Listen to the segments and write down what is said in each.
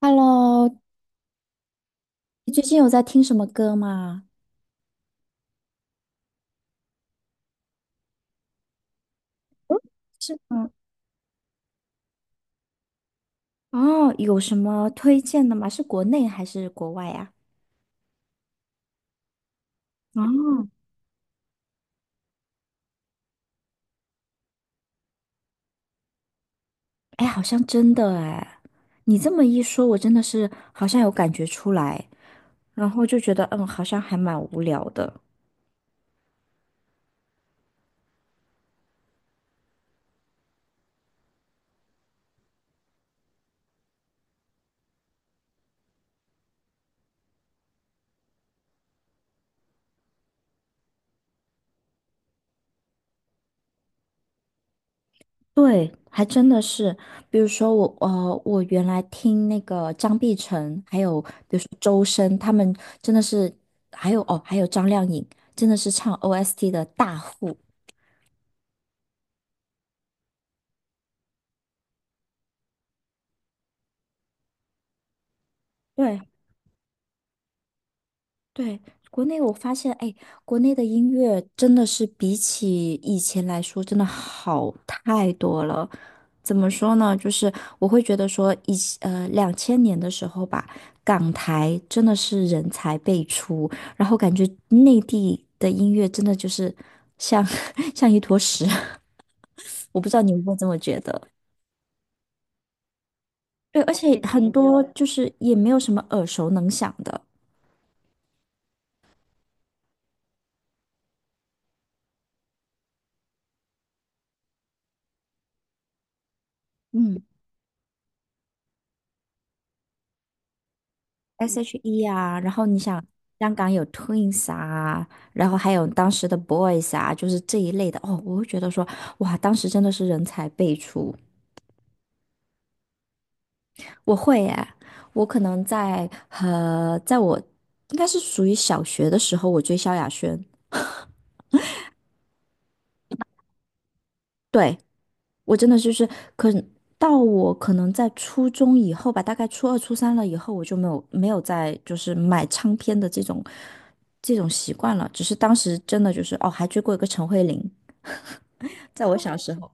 Hello，你最近有在听什么歌吗？嗯，是吗？哦，有什么推荐的吗？是国内还是国外呀？哦，哎，好像真的哎，你这么一说，我真的是好像有感觉出来，然后就觉得嗯，好像还蛮无聊的。对，还真的是，比如说我我原来听那个张碧晨，还有比如说周深，他们真的是，还有哦，还有张靓颖，真的是唱 OST 的大户。对。对，国内我发现，哎，国内的音乐真的是比起以前来说，真的好太多了。怎么说呢？就是我会觉得说以，2000年的时候吧，港台真的是人才辈出，然后感觉内地的音乐真的就是像 像一坨屎。我不知道你会不会这么觉得？对，而且很多就是也没有什么耳熟能详的。嗯。S.H.E 啊，然后你想香港有 Twins 啊，然后还有当时的 Boys 啊，就是这一类的哦，我会觉得说，哇，当时真的是人才辈出。我会耶，我可能在我应该是属于小学的时候，我追萧亚轩，对，我真的就是可到我可能在初中以后吧，大概初二、初三了以后，我就没有再就是买唱片的这种习惯了，只是当时真的就是哦，还追过一个陈慧琳。在我小时候，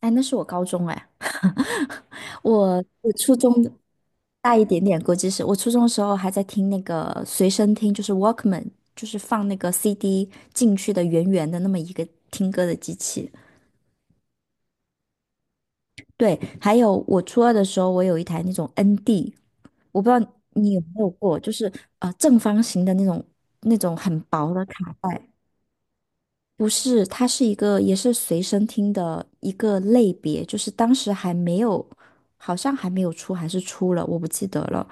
哎，那是我高中哎，我初中的大一点点，估计是我初中的时候还在听那个随身听，就是 Walkman，就是放那个 CD 进去的圆圆的那么一个听歌的机器。对，还有我初二的时候，我有一台那种 ND，我不知道你有没有过，就是正方形的那种很薄的卡带，不是，它是一个也是随身听的一个类别，就是当时还没有，好像还没有出，还是出了，我不记得了。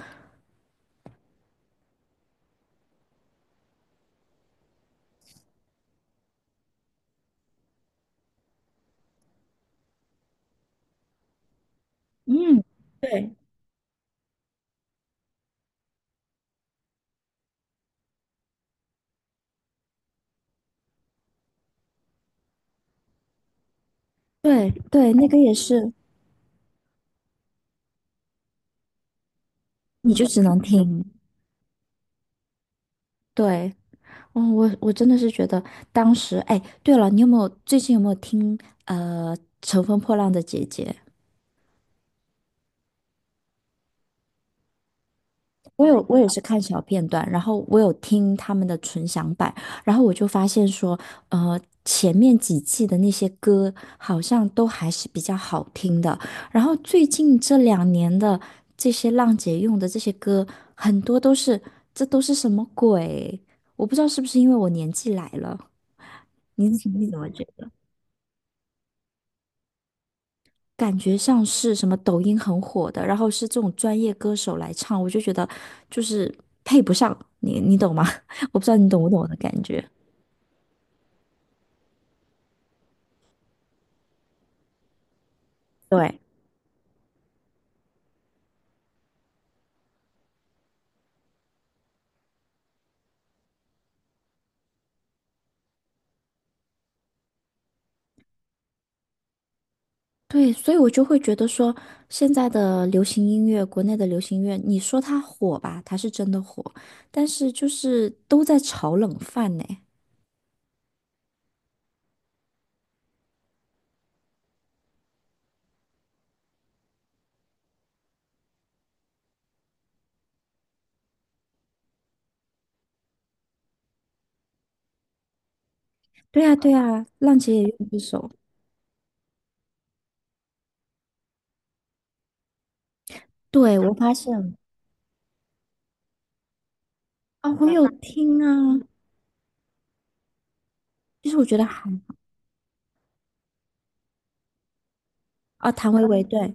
嗯，对对，那个也是，你就只能听。对，哦，我真的是觉得当时，哎，对了，你有没有最近有没有听呃《乘风破浪的姐姐》？我有我也是看小片段，然后我有听他们的纯享版，然后我就发现说，前面几季的那些歌好像都还是比较好听的，然后最近这两年的这些浪姐用的这些歌，很多都是这都是什么鬼？我不知道是不是因为我年纪来了，你你怎么觉感觉像是什么抖音很火的，然后是这种专业歌手来唱，我就觉得就是配不上你，你懂吗？我不知道你懂不懂我的感觉。对，对，所以我就会觉得说，现在的流行音乐，国内的流行音乐，你说它火吧，它是真的火，但是就是都在炒冷饭呢。对啊，对啊，浪姐也用这首。对，我发现啊，我有听啊，就是我觉得还啊，谭维维，对，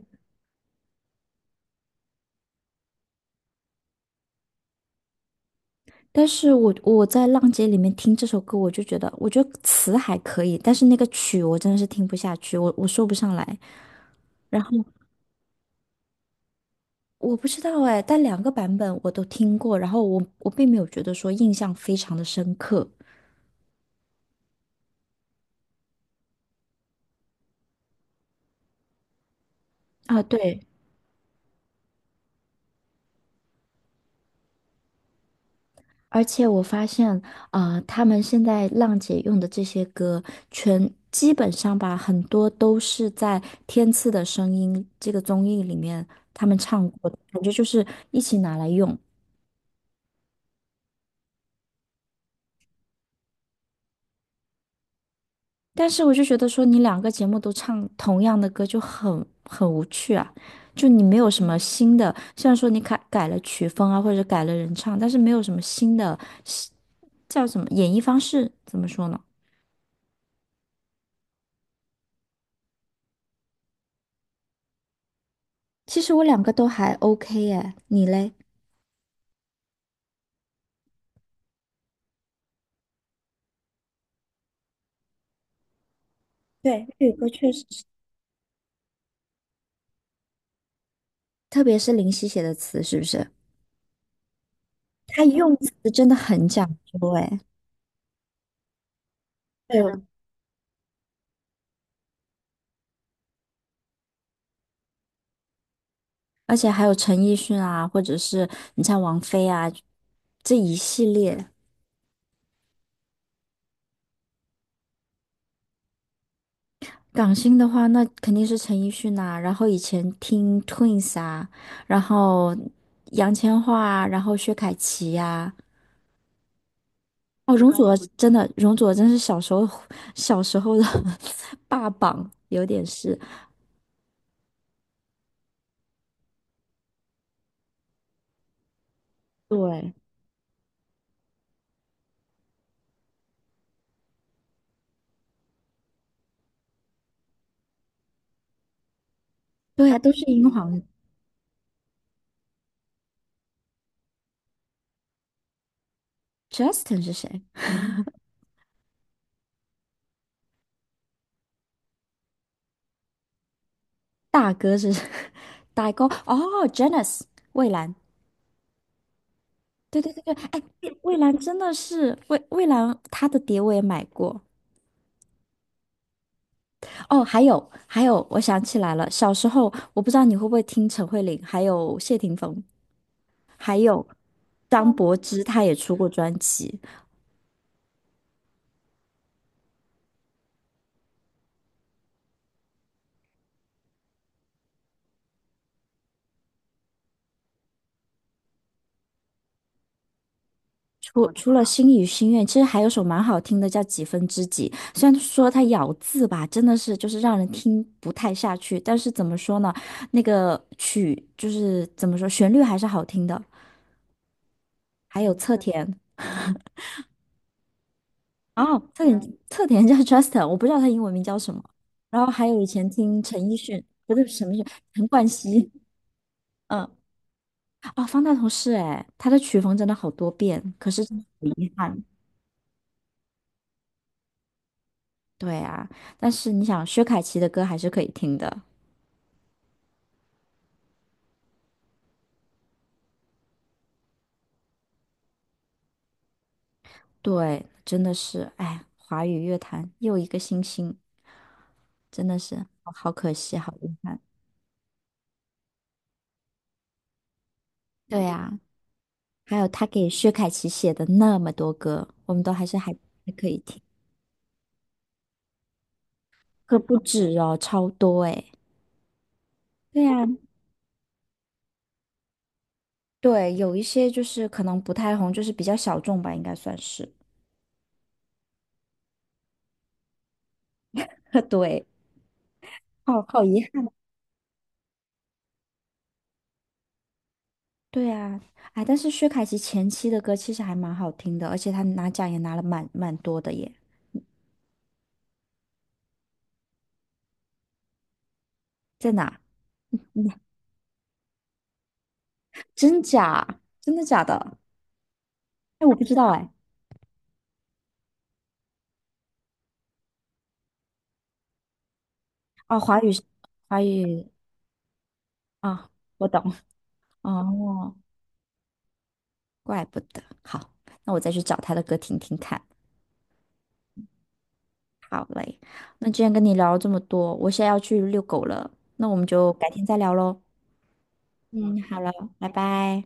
但是我在浪姐里面听这首歌，我觉得词还可以，但是那个曲我真的是听不下去，我说不上来。然后我不知道哎，但两个版本我都听过，然后我并没有觉得说印象非常的深刻啊，对。而且我发现，啊，他们现在浪姐用的这些歌，全基本上吧，很多都是在《天赐的声音》这个综艺里面他们唱过的，感觉就是一起拿来用。但是我就觉得说，你两个节目都唱同样的歌就很无趣啊，就你没有什么新的，虽然说你改了曲风啊，或者改了人唱，但是没有什么新的，新叫什么演绎方式，怎么说呢？其实我两个都还 OK 耶，你嘞？对，粤语歌确实是特别是林夕写的词，是不是？他用词真的很讲究哎，对嗯，而且还有陈奕迅啊，或者是你像王菲啊，这一系列。港星的话，那肯定是陈奕迅呐、然后以前听 Twins 啊，然后杨千嬅啊，然后薛凯琪呀、哦，容祖儿真是小时候的 霸榜，有点是。对，对呀，都是英皇。Justin 是谁？大哥是 大哥哦，Janice 蔚兰，对对对对，哎，蔚兰真的是蔚兰，她的碟我也买过。哦，还有还有，我想起来了，小时候我不知道你会不会听陈慧琳，还有谢霆锋，还有张柏芝，她也出过专辑。除了心语心愿》，其实还有首蛮好听的叫《几分之几》，虽然说它咬字吧，真的是就是让人听不太下去，但是怎么说呢，那个曲就是怎么说，旋律还是好听的。还有侧田。哦，特点叫 Justin，我不知道他英文名叫什么。然后还有以前听陈奕迅，不对，什么是陈冠希，嗯，哦，方大同是哎，他的曲风真的好多变，可是真的很遗憾。对啊，但是你想，薛凯琪的歌还是可以听的。对，真的是，哎，华语乐坛又一个新星，真的是好可惜，好遗憾。对啊，还有他给薛凯琪写的那么多歌，我们都还是还可以听，可不止哦，超多哎。对呀，对，有一些就是可能不太红，就是比较小众吧，应该算是。对，好遗憾。对啊，哎，但是薛凯琪前期的歌其实还蛮好听的，而且她拿奖也拿了蛮多的耶。在哪？嗯真假？真的假的？哎，我不知道哎。哦，华语是，华语啊，我懂。哦，怪不得。好，那我再去找他的歌听听看。好嘞，那今天跟你聊了这么多，我现在要去遛狗了，那我们就改天再聊喽。嗯，好了，拜拜。